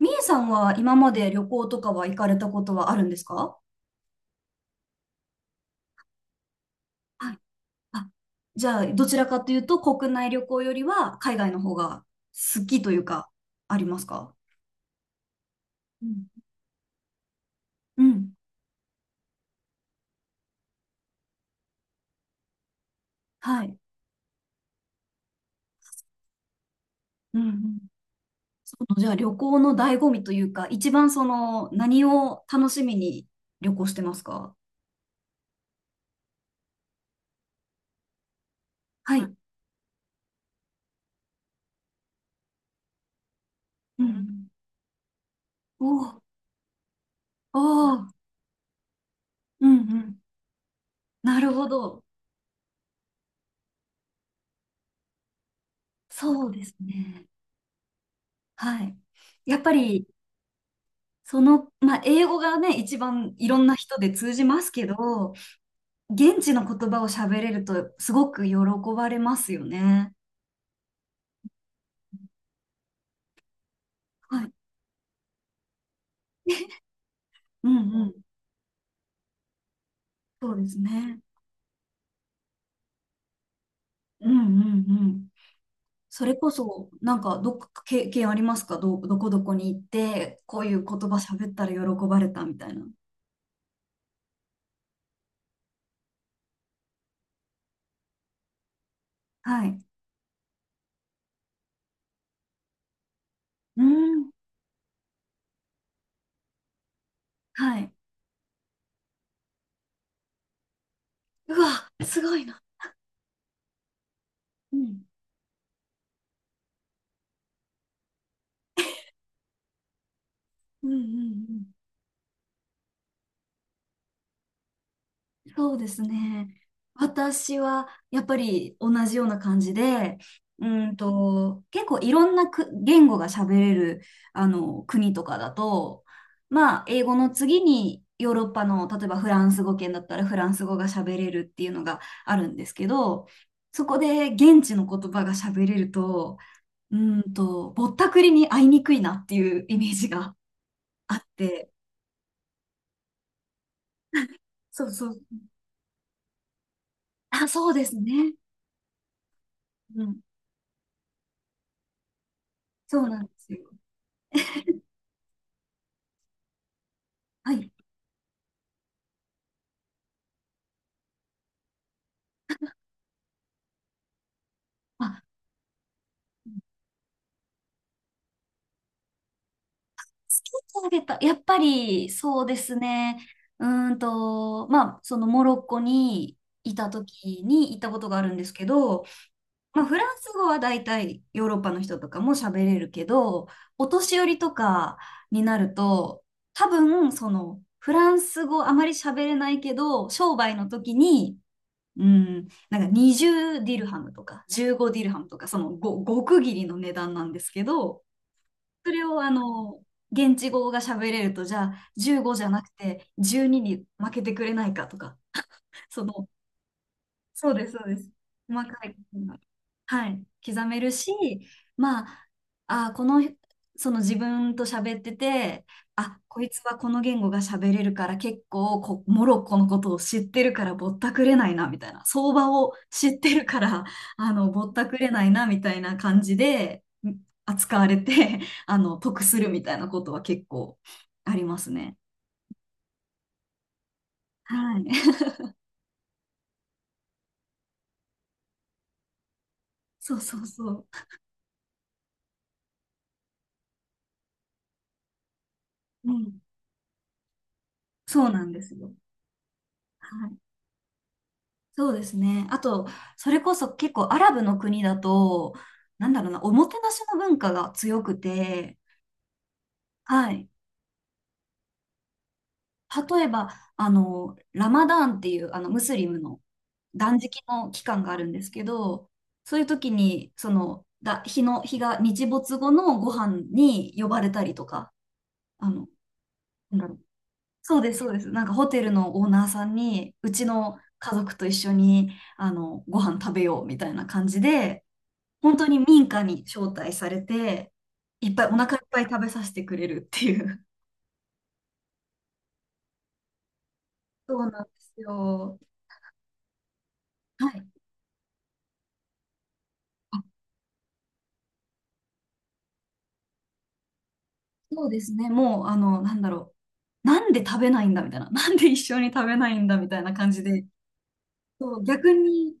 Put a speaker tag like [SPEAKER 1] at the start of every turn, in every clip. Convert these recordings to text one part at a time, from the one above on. [SPEAKER 1] みえさんは今まで旅行とかは行かれたことはあるんですか？はい。あ、じゃあ、どちらかというと、国内旅行よりは海外の方が好きというか、ありますか？うん。うん。はい。うんうん。じゃあ、旅行の醍醐味というか、一番何を楽しみに旅行してますか？はい。うん。おお。おーおー。うんうん。なるほど。そうですね。はい。やっぱり、英語がね、一番いろんな人で通じますけど、現地の言葉を喋れるとすごく喜ばれますよね。はい。うんうん。そうですね。うんうんうん。それこそ、なんか、どっか経験ありますか？どこどこに行って、こういう言葉喋ったら喜ばれたみたいな。はい。うん。はい。うわ、すごいな。うん。うんうんうん。そうですね。私はやっぱり同じような感じで、結構いろんなく言語が喋れるあの国とかだと、まあ、英語の次にヨーロッパの、例えばフランス語圏だったらフランス語が喋れるっていうのがあるんですけど、そこで現地の言葉が喋れると、ぼったくりに会いにくいなっていうイメージがあって、そうそう。あ、そうですね。うん、そうなんですよ。はい。あ、つけてあげた。やっぱり、そうですね。まあ、そのモロッコにいた時に行ったことがあるんですけど、まあ、フランス語は大体ヨーロッパの人とかも喋れるけど、お年寄りとかになると、多分、その、フランス語あまり喋れないけど、商売の時に、うん、なんか20ディルハムとか15ディルハムとか、そのご極切りの値段なんですけど、それをあの、現地語が喋れると、じゃあ15じゃなくて12に負けてくれないかとか、そのそうです、そうです。細かいことが。はい。刻めるし、まあ、あ、この、その自分と喋ってて、あ、こいつはこの言語が喋れるから結構モロッコのことを知ってるからぼったくれないな、みたいな。相場を知ってるから、あの、ぼったくれないな、みたいな感じでん扱われて、あの、得するみたいなことは結構ありますね。はい。そうそうそう。うん。そうなんですよ。はい。そうですね。あと、それこそ結構アラブの国だと、なんだろうな、おもてなしの文化が強くて、はい。例えば、あの、ラマダーンっていう、あの、ムスリムの断食の期間があるんですけど、そういう時に、その、だ、日の、日が日没後のご飯に呼ばれたりとか、あの、なんだろう。そうです、そうです。なんかホテルのオーナーさんに、うちの家族と一緒に、あの、ご飯食べようみたいな感じで、本当に民家に招待されて、いっぱいお腹いっぱい食べさせてくれるっていう。そうなんですよ。はい。あ、そうですね。もう、あの、なんだろう。なんで食べないんだみたいな。なんで一緒に食べないんだみたいな感じで。そう、逆に、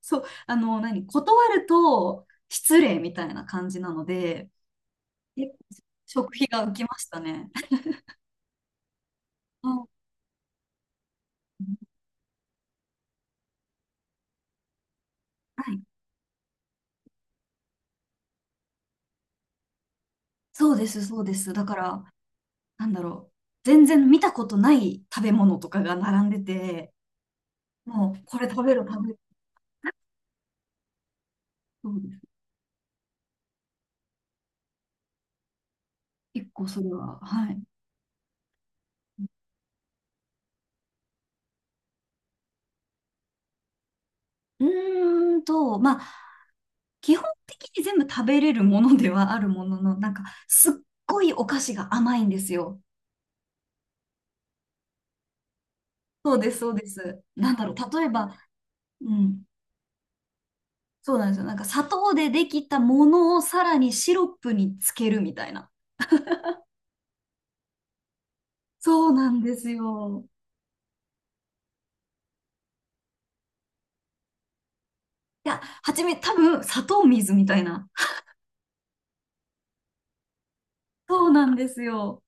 [SPEAKER 1] そう、あの、断ると失礼みたいな感じなので、結構食費が浮きましたね。うん。はい、そうです、そうです。だから、なんだろう、全然見たことない食べ物とかが並んでて、もう、これ食べる食べる。そうです。結構それは、はい。うまあ、基本的に全部食べれるものではあるものの、なんか、すっごいお菓子が甘いんですよ。そうです、そうです。なんだろう、例えば、うん、そうなんですよ。なんか、砂糖でできたものをさらにシロップにつけるみたいな。そうなんですよ。いや、はじめ、多分、砂糖水みたいな。そうなんですよ。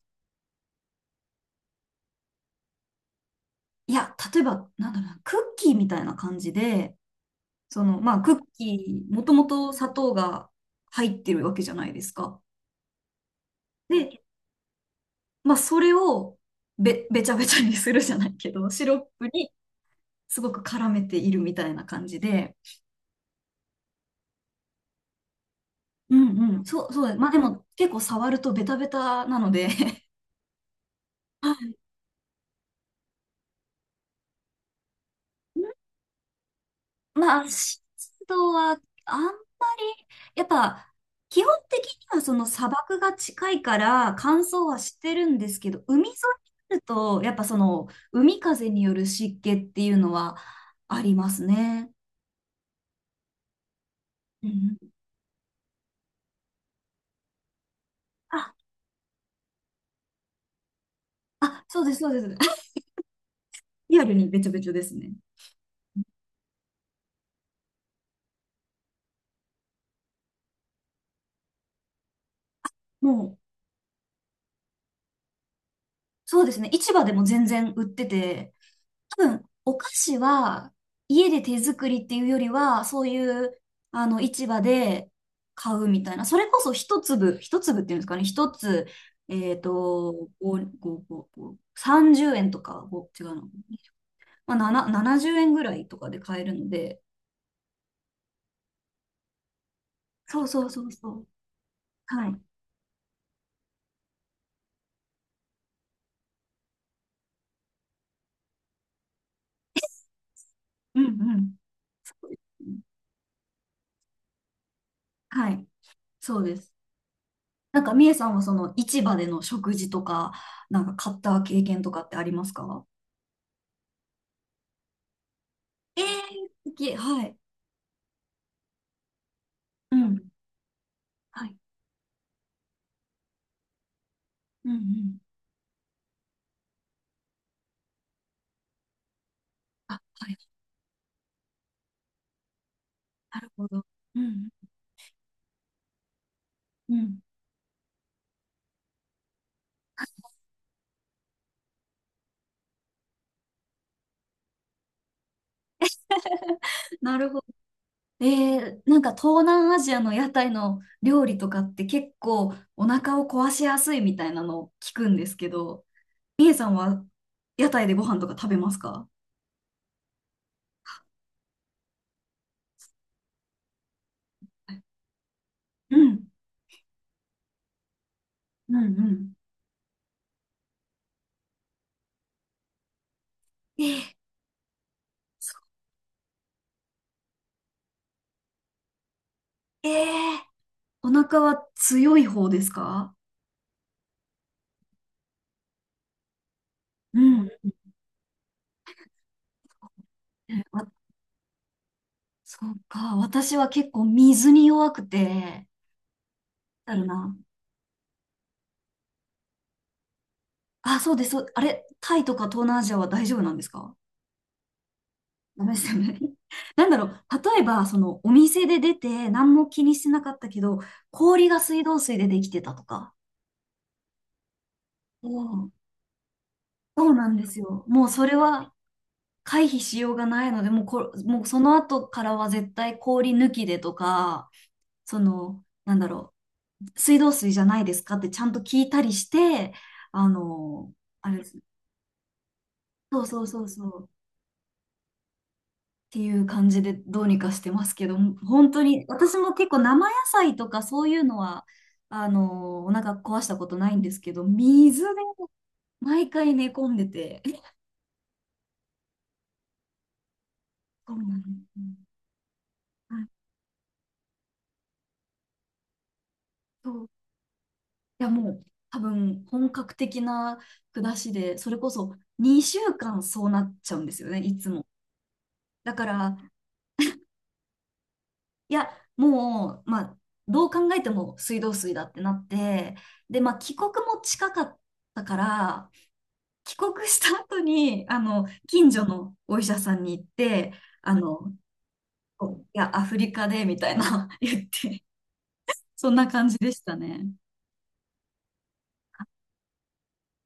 [SPEAKER 1] いや、例えば、なんだろうな、クッキーみたいな感じで、クッキー、もともと砂糖が入ってるわけじゃないですか。で、まあ、それをべちゃべちゃにするじゃないけど、シロップにすごく絡めているみたいな感じで、うんうん、そう、そうだ、まあでも結構触るとベタベタなので はい。まあ、湿度はあんまり、やっぱ、基本的にはその砂漠が近いから乾燥はしてるんですけど、海沿いになると、やっぱその海風による湿気っていうのはありますね。うん。あ、あ、そうです、そうです。リアルにべちょべちょですね。もう、そうですね。市場でも全然売ってて、多分、お菓子は家で手作りっていうよりは、そういう、あの、市場で買うみたいな。それこそ一粒、一粒っていうんですかね。一つ、5、30円とか、違うの。まあ、70円ぐらいとかで買えるので。そうそうそうそう。はい。うんうん。そうですね。はい。そうです。なんか、みえさんはその市場での食事とか、なんか買った経験とかってありますか？ええー、好き。はい。うん。はい。うんうん。あ、はい。なるほど。うんうん。なるほど。えなんか東南アジアの屋台の料理とかって結構お腹を壊しやすいみたいなのを聞くんですけど、みえさんは屋台でご飯とか食べますか？うんうんうん。えー、そえー、お腹は強い方ですか？うん。えわそうか、私は結構水に弱くて、だろうな。あ、そうです。そうあれ、タイとか東南アジアは大丈夫なんですか？ダメですよね。なんだろう、例えば、その、お店で出て、何も気にしてなかったけど、氷が水道水でできてたとか。おうん、そうなんですよ。もうそれは回避しようがないので、もうその後からは絶対氷抜きでとか、その、なんだろう、水道水じゃないですかってちゃんと聞いたりして、あの、あれです。そうそうそうそう。ていう感じでどうにかしてますけど、本当に私も結構生野菜とかそういうのはあのお腹壊したことないんですけど、水で毎回寝込んでて、え、そうなんですね。はい。そう。いや、もう、多分本格的な下しで、それこそ2週間そうなっちゃうんですよね、いつも。だから、いや、もう、まあ、どう考えても水道水だってなって、で、まあ、帰国も近かったから、帰国した後に、あの、近所のお医者さんに行って、あの、いや、アフリカで、みたいな 言って、そんな感じでしたね。